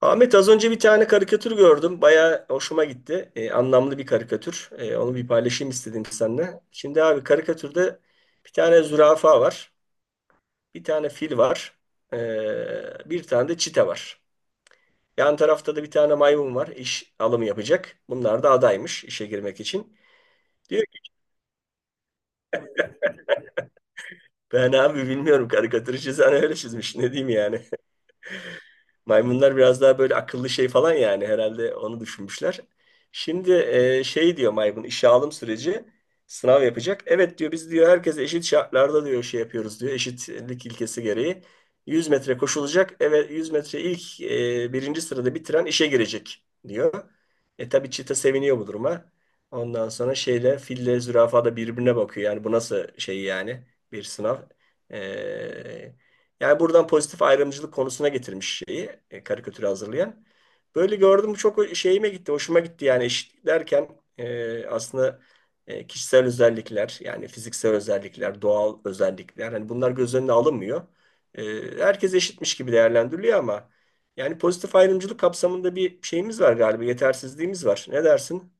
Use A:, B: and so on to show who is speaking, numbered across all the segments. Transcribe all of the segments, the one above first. A: Ahmet, az önce bir tane karikatür gördüm. Bayağı hoşuma gitti. Anlamlı bir karikatür. Onu bir paylaşayım istedim seninle. Şimdi abi karikatürde bir tane zürafa var. Bir tane fil var. Bir tane de çite var. Yan tarafta da bir tane maymun var. İş alımı yapacak. Bunlar da adaymış işe girmek için. Diyor ki ben abi bilmiyorum, karikatürü çizen öyle çizmiş. Ne diyeyim yani. Maymunlar biraz daha böyle akıllı şey falan yani herhalde onu düşünmüşler. Şimdi şey diyor maymun, işe alım süreci sınav yapacak. Evet diyor, biz diyor herkese eşit şartlarda diyor şey yapıyoruz diyor, eşitlik ilkesi gereği. 100 metre koşulacak. Evet, 100 metre ilk birinci sırada bitiren işe girecek diyor. Tabii çita seviniyor bu duruma. Ondan sonra şeyle fille zürafa da birbirine bakıyor. Yani bu nasıl şey yani, bir sınav. E, Yani buradan pozitif ayrımcılık konusuna getirmiş şeyi karikatürü hazırlayan. Böyle gördüm, bu çok şeyime gitti, hoşuma gitti yani. Eşitlik derken aslında kişisel özellikler yani fiziksel özellikler, doğal özellikler, hani bunlar göz önüne alınmıyor. E, Herkes eşitmiş gibi değerlendiriliyor ama yani pozitif ayrımcılık kapsamında bir şeyimiz var galiba, yetersizliğimiz var. Ne dersin?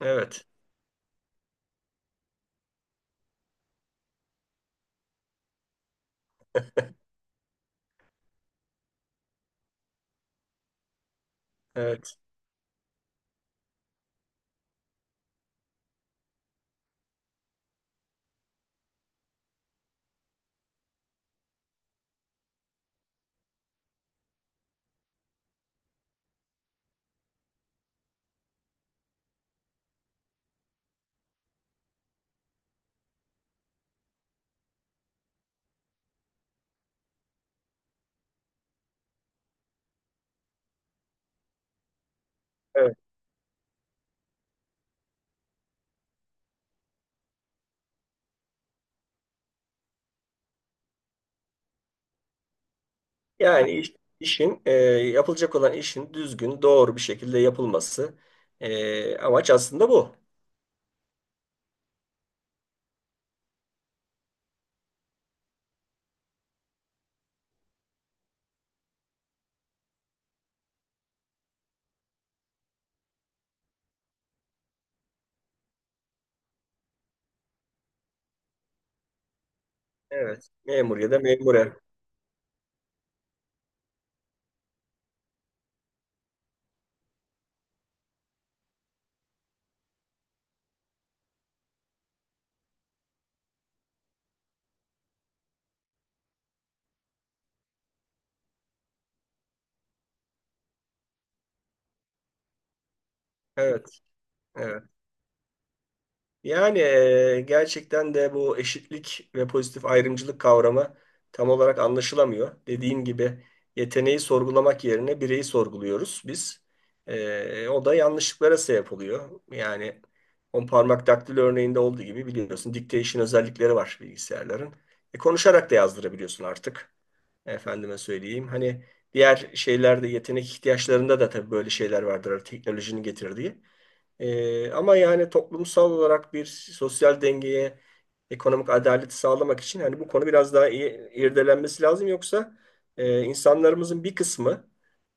A: Evet, evet, evet. Yani işin yapılacak olan işin düzgün, doğru bir şekilde yapılması amaç aslında bu. Evet. Memur ya da memure. Evet. Evet. Yani gerçekten de bu eşitlik ve pozitif ayrımcılık kavramı tam olarak anlaşılamıyor. Dediğim gibi, yeteneği sorgulamak yerine bireyi sorguluyoruz biz. O da yanlışlıklara sebep oluyor. Yani on parmak daktilo örneğinde olduğu gibi, biliyorsun dictation özellikleri var bilgisayarların. Konuşarak da yazdırabiliyorsun artık. Efendime söyleyeyim. Hani diğer şeylerde, yetenek ihtiyaçlarında da tabii böyle şeyler vardır, hani teknolojinin getirdiği. Ama yani toplumsal olarak bir sosyal dengeye, ekonomik adaleti sağlamak için hani bu konu biraz daha iyi irdelenmesi lazım. Yoksa insanlarımızın bir kısmı,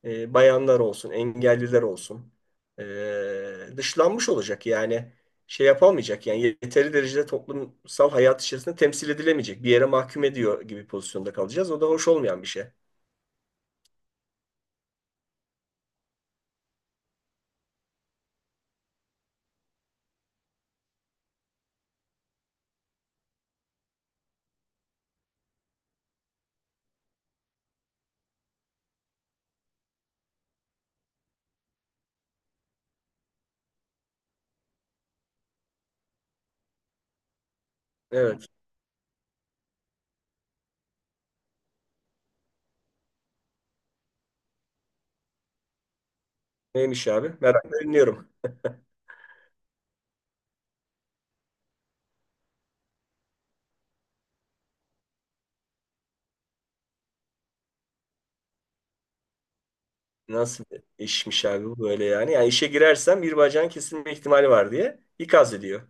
A: bayanlar olsun, engelliler olsun, dışlanmış olacak. Yani şey yapamayacak yani, yeteri derecede toplumsal hayat içerisinde temsil edilemeyecek. Bir yere mahkum ediyor gibi pozisyonda kalacağız. O da hoş olmayan bir şey. Evet. Neymiş abi? Merakla dinliyorum. Nasıl bir işmiş abi bu böyle yani? Yani işe girersem bir bacağın kesilme ihtimali var diye ikaz ediyor.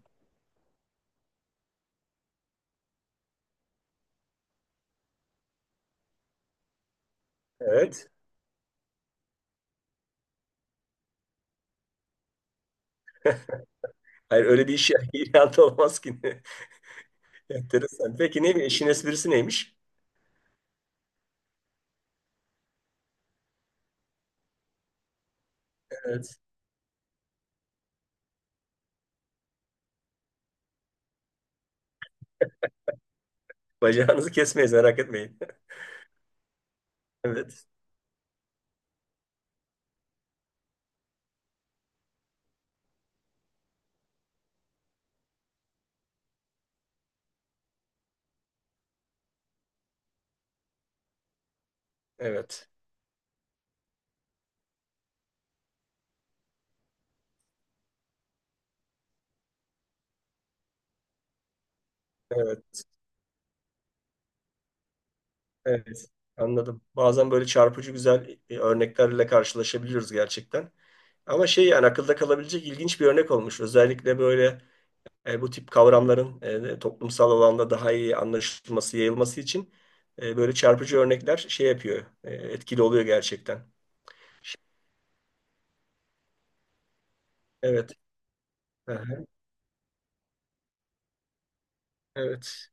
A: Evet. Hayır, öyle bir iş ilan da olmaz ki. Enteresan. Peki ne, işin esprisi neymiş? Evet. Bacağınızı kesmeyiz, merak etmeyin. Evet. Evet. Evet. Evet. Anladım. Bazen böyle çarpıcı güzel örneklerle karşılaşabiliyoruz gerçekten. Ama şey yani, akılda kalabilecek ilginç bir örnek olmuş. Özellikle böyle. Bu tip kavramların toplumsal alanda daha iyi anlaşılması, yayılması için böyle çarpıcı örnekler şey yapıyor, etkili oluyor gerçekten. Evet, aha, evet.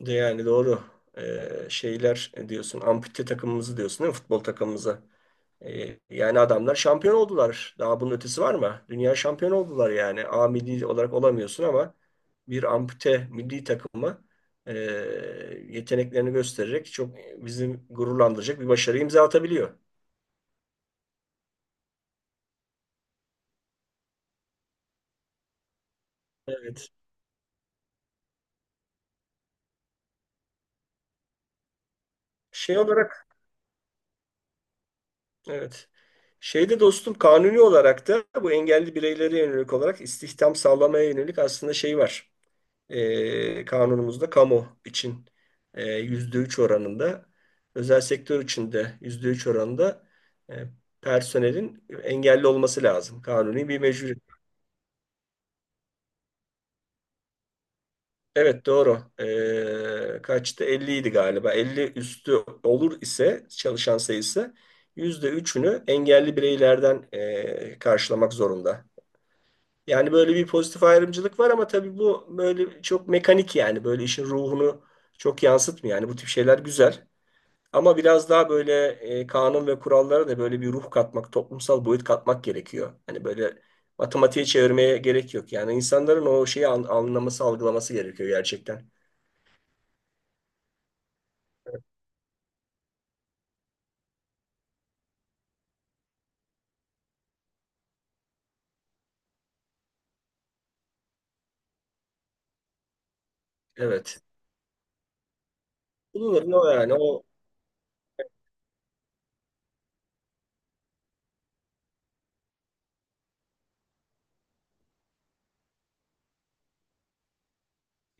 A: De yani doğru. Şeyler diyorsun, ampute takımımızı diyorsun değil mi? Futbol takımımızı. Yani adamlar şampiyon oldular. Daha bunun ötesi var mı? Dünya şampiyon oldular yani. A milli olarak olamıyorsun ama bir ampute milli takımı e, yeteneklerini göstererek çok bizim gururlandıracak bir başarı imza atabiliyor. Evet. Şey olarak evet. Şeyde dostum, kanuni olarak da bu engelli bireylere yönelik olarak istihdam sağlamaya yönelik aslında şey var. Kanunumuzda kamu için %3 oranında, özel sektör için de %3 oranında e, personelin engelli olması lazım. Kanuni bir mecburiyet. Evet, doğru. Kaçtı? 50 idi galiba. 50 üstü olur ise çalışan sayısı %3'ünü engelli bireylerden karşılamak zorunda. Yani böyle bir pozitif ayrımcılık var ama tabii bu böyle çok mekanik, yani böyle işin ruhunu çok yansıtmıyor. Yani bu tip şeyler güzel. Ama biraz daha böyle kanun ve kurallara da böyle bir ruh katmak, toplumsal boyut katmak gerekiyor. Hani böyle matematiğe çevirmeye gerek yok. Yani insanların o şeyi anlaması, algılaması gerekiyor gerçekten. Evet. Bulunur ne o yani, o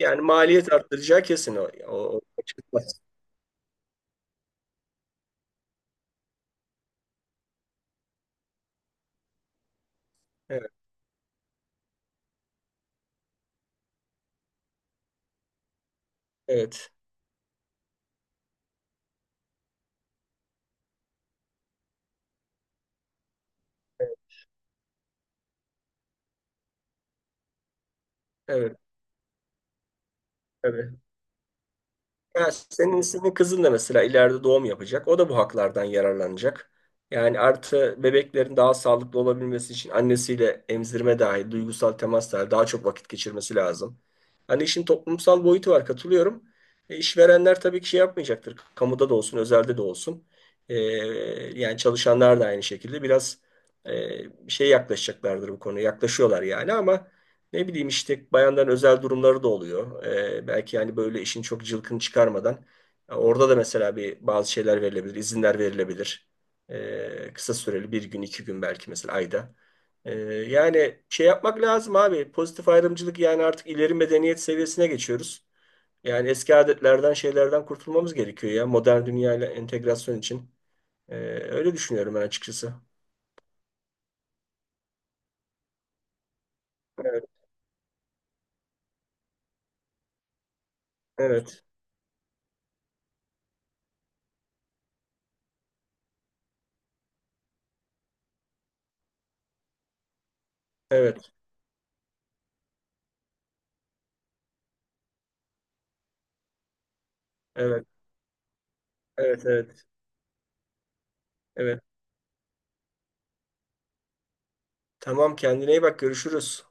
A: yani maliyet arttıracağı kesin o. O- Evet. Evet. Evet. Evet. Tabii. Ya senin kızın da mesela ileride doğum yapacak. O da bu haklardan yararlanacak. Yani artı, bebeklerin daha sağlıklı olabilmesi için annesiyle emzirme dahil, duygusal temas dahil daha çok vakit geçirmesi lazım. Hani işin toplumsal boyutu var, katılıyorum. İşverenler tabii ki şey yapmayacaktır. Kamuda da olsun, özelde de olsun. E, Yani çalışanlar da aynı şekilde biraz şey yaklaşacaklardır bu konuya. Yaklaşıyorlar yani ama ne bileyim, işte bayanların özel durumları da oluyor. Belki yani böyle işin çok cılkını çıkarmadan orada da mesela bir bazı şeyler verilebilir, izinler verilebilir. Kısa süreli bir gün, 2 gün belki mesela ayda. Yani şey yapmak lazım abi. Pozitif ayrımcılık yani, artık ileri medeniyet seviyesine geçiyoruz. Yani eski adetlerden, şeylerden kurtulmamız gerekiyor ya, modern dünyayla entegrasyon için. Ee, Öyle düşünüyorum ben açıkçası. Evet, evet, evet, evet, evet, evet, evet. Tamam, kendine iyi bak, görüşürüz.